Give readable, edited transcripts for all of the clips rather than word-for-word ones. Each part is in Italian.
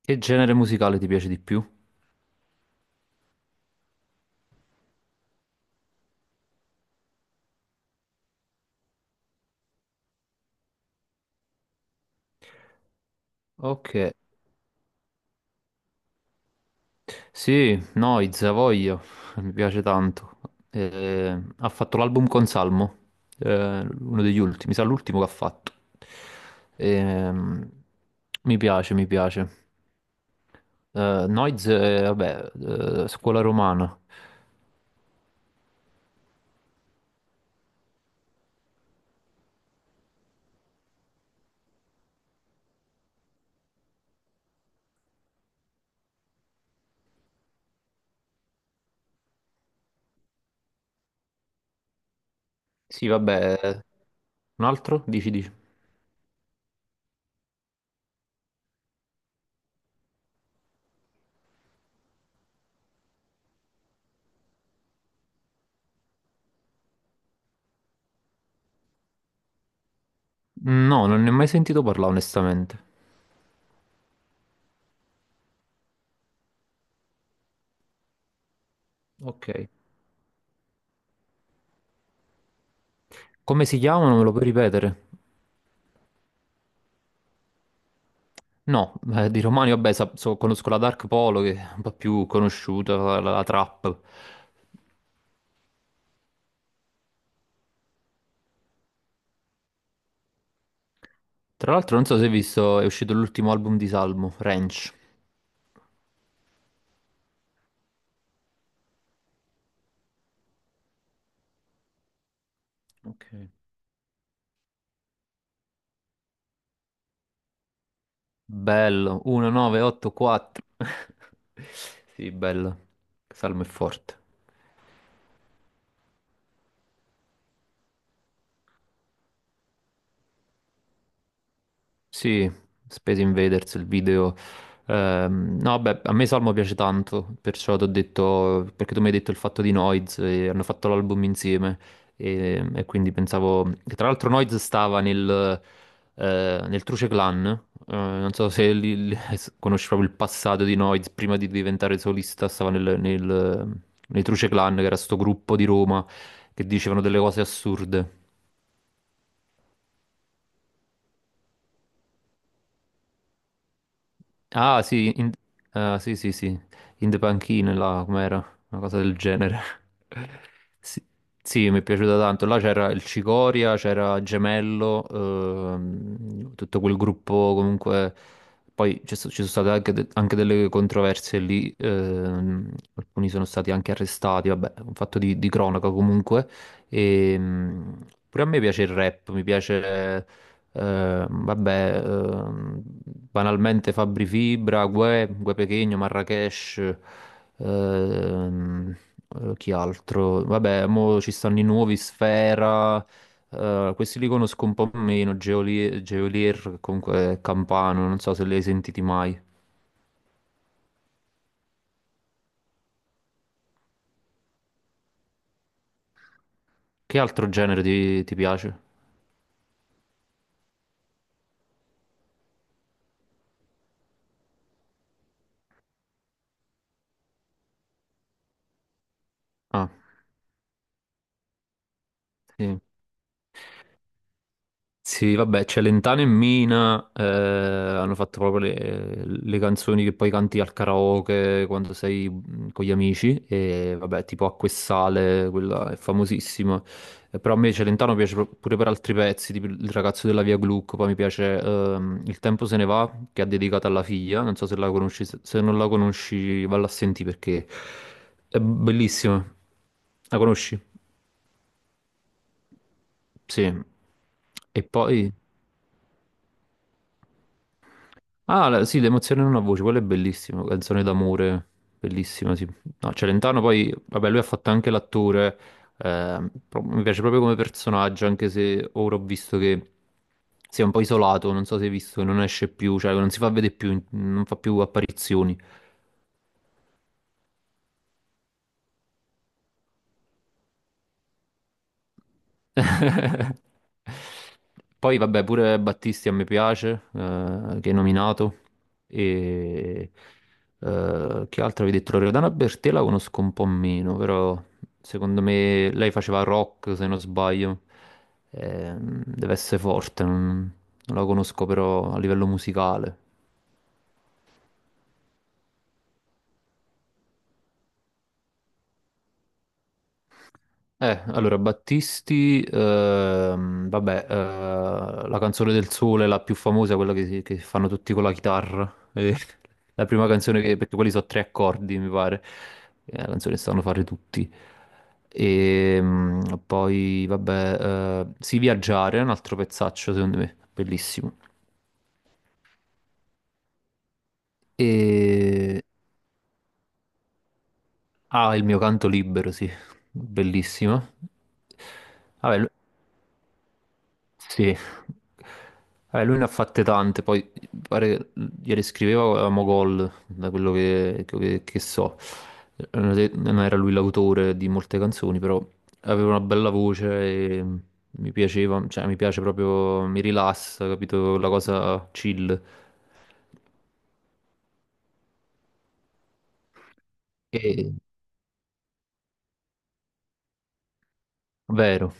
Che genere musicale ti piace di più? Ok, sì, Noiz, a voglia, mi piace tanto. Ha fatto l'album con Salmo, uno degli ultimi, mi sa l'ultimo che ha fatto. Ehm, Mi piace, mi piace. Noiz, vabbè, scuola romana. Sì, vabbè, un altro? Dici, dici. No, non ne ho mai sentito parlare onestamente. Ok. Come si chiamano? Me lo puoi ripetere? No, di romani, vabbè, conosco la Dark Polo che è un po' più conosciuta, la Trap. Tra l'altro, non so se hai visto, è uscito l'ultimo album di Salmo, Ranch. Ok. Bello, 1984. Sì, bello. Salmo è forte. Sì, Space Invaders, il video. No, beh, a me Salmo piace tanto, perciò ti ho detto, perché tu mi hai detto il fatto di Noiz, e hanno fatto l'album insieme, e quindi pensavo, che tra l'altro Noiz stava nel Truce Clan, non so se conosci proprio il passato di Noiz, prima di diventare solista stava nei Truce Clan, che era sto gruppo di Roma, che dicevano delle cose assurde. Ah, sì, ah, sì, sì, sì, in the panchine là, com'era? Una cosa del genere. Sì, sì, mi è piaciuta tanto. Là c'era il Cicoria, c'era Gemello, tutto quel gruppo comunque. Poi ci sono state anche, anche delle controversie lì, alcuni sono stati anche arrestati, vabbè, un fatto di cronaca comunque. E, pure a me piace il rap, mi piace vabbè, banalmente Fabri Fibra, Guè, Guè Pequeno, Marracash, ehm, chi altro? Vabbè, mo ci stanno i nuovi, Sfera, questi li conosco un po' meno, Geolier, Geolier, che comunque è Campano, non so se li hai sentiti mai. Che altro genere ti piace? Ah, sì. Sì, vabbè, c'è Lentano e Mina, hanno fatto proprio le canzoni che poi canti al karaoke quando sei con gli amici, e vabbè, tipo Acqua e Sale, quella è famosissima. Però a me Celentano piace pure per altri pezzi, tipo Il ragazzo della via Gluck, poi mi piace Il tempo se ne va, che ha dedicato alla figlia, non so se la conosci, se non la conosci valla a sentire perché è bellissima. La conosci? Sì. E poi. Ah, sì, l'emozione in una voce, quella è bellissima, canzone d'amore, bellissima, sì. No, Celentano poi, vabbè, lui ha fatto anche l'attore, mi piace proprio come personaggio, anche se ora ho visto che si è un po' isolato, non so se hai visto che non esce più, cioè non si fa vedere più, non fa più apparizioni. Poi vabbè, pure Battisti a me piace, che hai nominato. E che altro avevi detto? Loredana Bertè la conosco un po' meno, però secondo me lei faceva rock, se non sbaglio. Deve essere forte, non la conosco però a livello musicale. Allora, Battisti, vabbè, la canzone del sole, la più famosa, quella che, che fanno tutti con la chitarra. La prima canzone che, perché quelli sono tre accordi, mi pare. È la canzone che sanno fare tutti. E mm, Poi, vabbè, Si Viaggiare è un altro pezzaccio, secondo me, bellissimo. E. Ah, il mio canto libero, sì, bellissimo. Sì, lui ne ha fatte tante, poi mi pare che ieri scriveva avevamo gol, da quello che, che so. Non era lui l'autore di molte canzoni, però aveva una bella voce e mi piaceva, cioè mi piace proprio, mi rilassa, capito? La cosa chill. E, vero.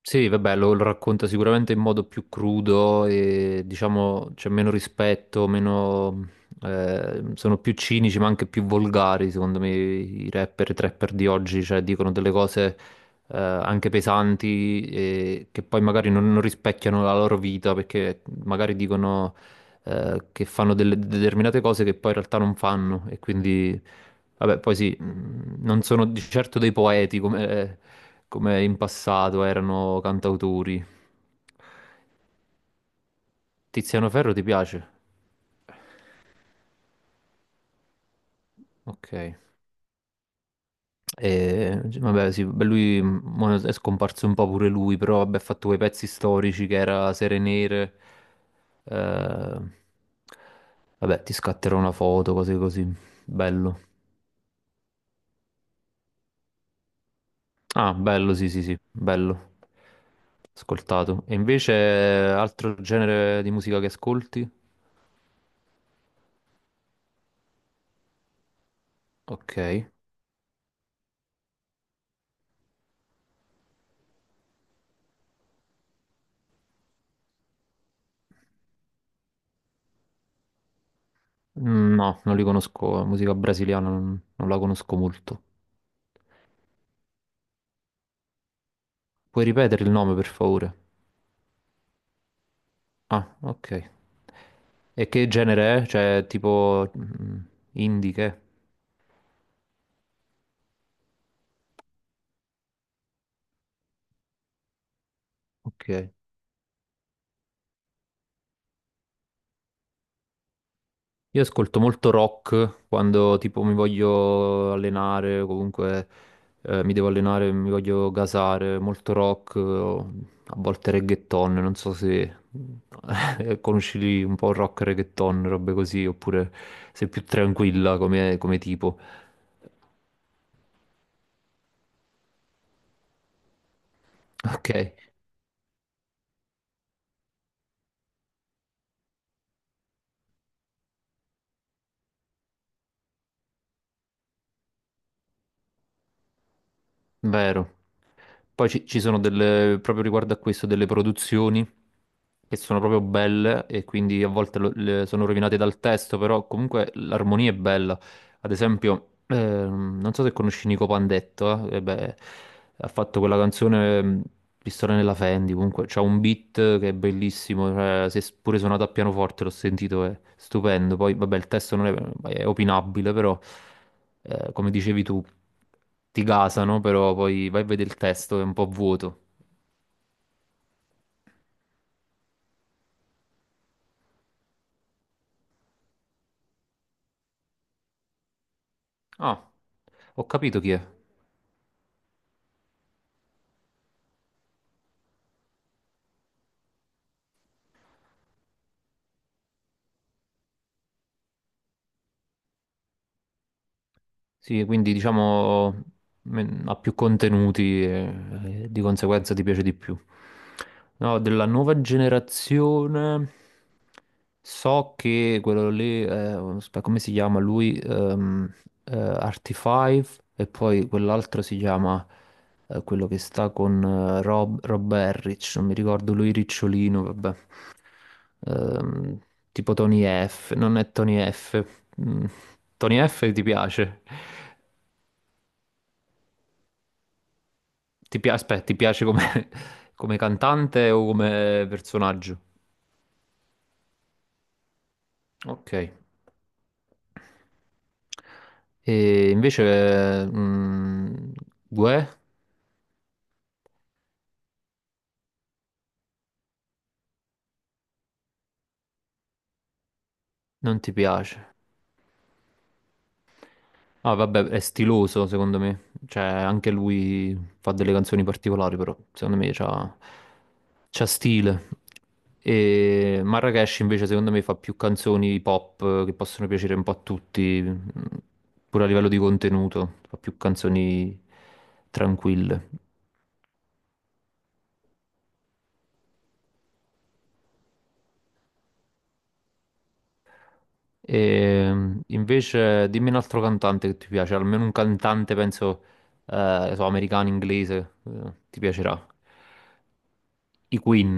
Sì, vabbè, lo racconta sicuramente in modo più crudo e diciamo c'è meno rispetto, meno, sono più cinici ma anche più volgari, secondo me i rapper e i trapper di oggi, cioè dicono delle cose anche pesanti e che poi magari non rispecchiano la loro vita perché magari dicono che fanno delle determinate cose che poi in realtà non fanno e quindi, vabbè, poi sì, non sono di certo dei poeti come, in passato erano cantautori. Tiziano Ferro ti piace? Ok. E, vabbè, sì, beh, lui mo è scomparso un po' pure lui, però vabbè, ha fatto quei pezzi storici che era Sere Nere. eh, Vabbè, ti scatterò una foto, cose così. Bello. Ah, bello, sì, sì, sì, bello. Ascoltato. E invece altro genere di musica che ascolti? Ok. No, non li conosco. Musica brasiliana non la conosco molto. Puoi ripetere il nome, per favore? Ah, ok. E che genere è? Cioè, tipo indie che? È? Ok. Io ascolto molto rock quando tipo mi voglio allenare, o comunque mi devo allenare, mi voglio gasare, molto rock, a volte reggaeton, non so se conosci un po' rock, reggaeton, robe così, oppure sei più tranquilla come tipo. Ok, vero. Poi ci sono delle, proprio riguardo a questo, delle produzioni che sono proprio belle e quindi a volte sono rovinate dal testo, però comunque l'armonia è bella. Ad esempio, non so se conosci Nico Pandetto, eh? Eh beh, ha fatto quella canzone Pistola nella Fendi, comunque c'ha un beat che è bellissimo, cioè, se s- pure suonato a pianoforte l'ho sentito, è stupendo. Poi, vabbè, il testo non è, è opinabile, però, come dicevi tu, ti gasano, però poi vai a vedere il testo, è un po' vuoto. Ah, ho capito chi è. Sì, quindi diciamo ha più contenuti e di conseguenza ti piace di più. No, della nuova generazione so che quello lì, aspetta, come si chiama lui? Artifive e poi quell'altro si chiama quello che sta con Rob Harris, non mi ricordo lui Ricciolino, vabbè. Ehm, tipo Tony F, non è Tony F, Mm, Tony F ti piace? Aspetta, ti piace come, come cantante o come personaggio? Ok. E invece, Guè non ti piace. Ah, vabbè, è stiloso secondo me. Cioè, anche lui fa delle canzoni particolari, però secondo me c'ha stile. E Marracash invece secondo me fa più canzoni pop che possono piacere un po' a tutti, pure a livello di contenuto, fa più canzoni tranquille. E invece dimmi un altro cantante che ti piace, almeno un cantante penso, so, americano, inglese, ti piacerà. I Queen.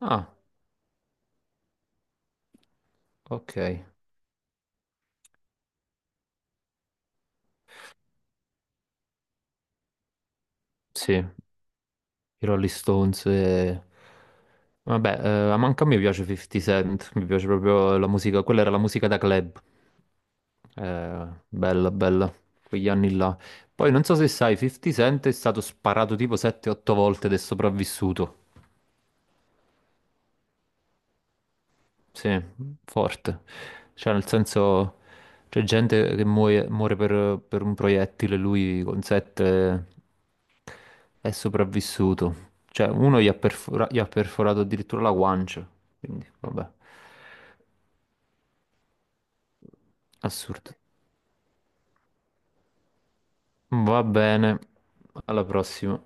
Ah, ok. Sì, i Rolling Stones. Vabbè, ma manca a me piace 50 Cent, mi piace proprio la musica, quella era la musica da club. Bella, bella, quegli anni là. Poi non so se sai, 50 Cent è stato sparato tipo 7-8 volte ed è sopravvissuto. Sì, forte. Cioè, nel senso, c'è gente che muore, per un proiettile, lui con sette è sopravvissuto. Cioè, uno gli ha, gli ha perforato addirittura la guancia. Quindi, vabbè, assurdo. Va bene, alla prossima.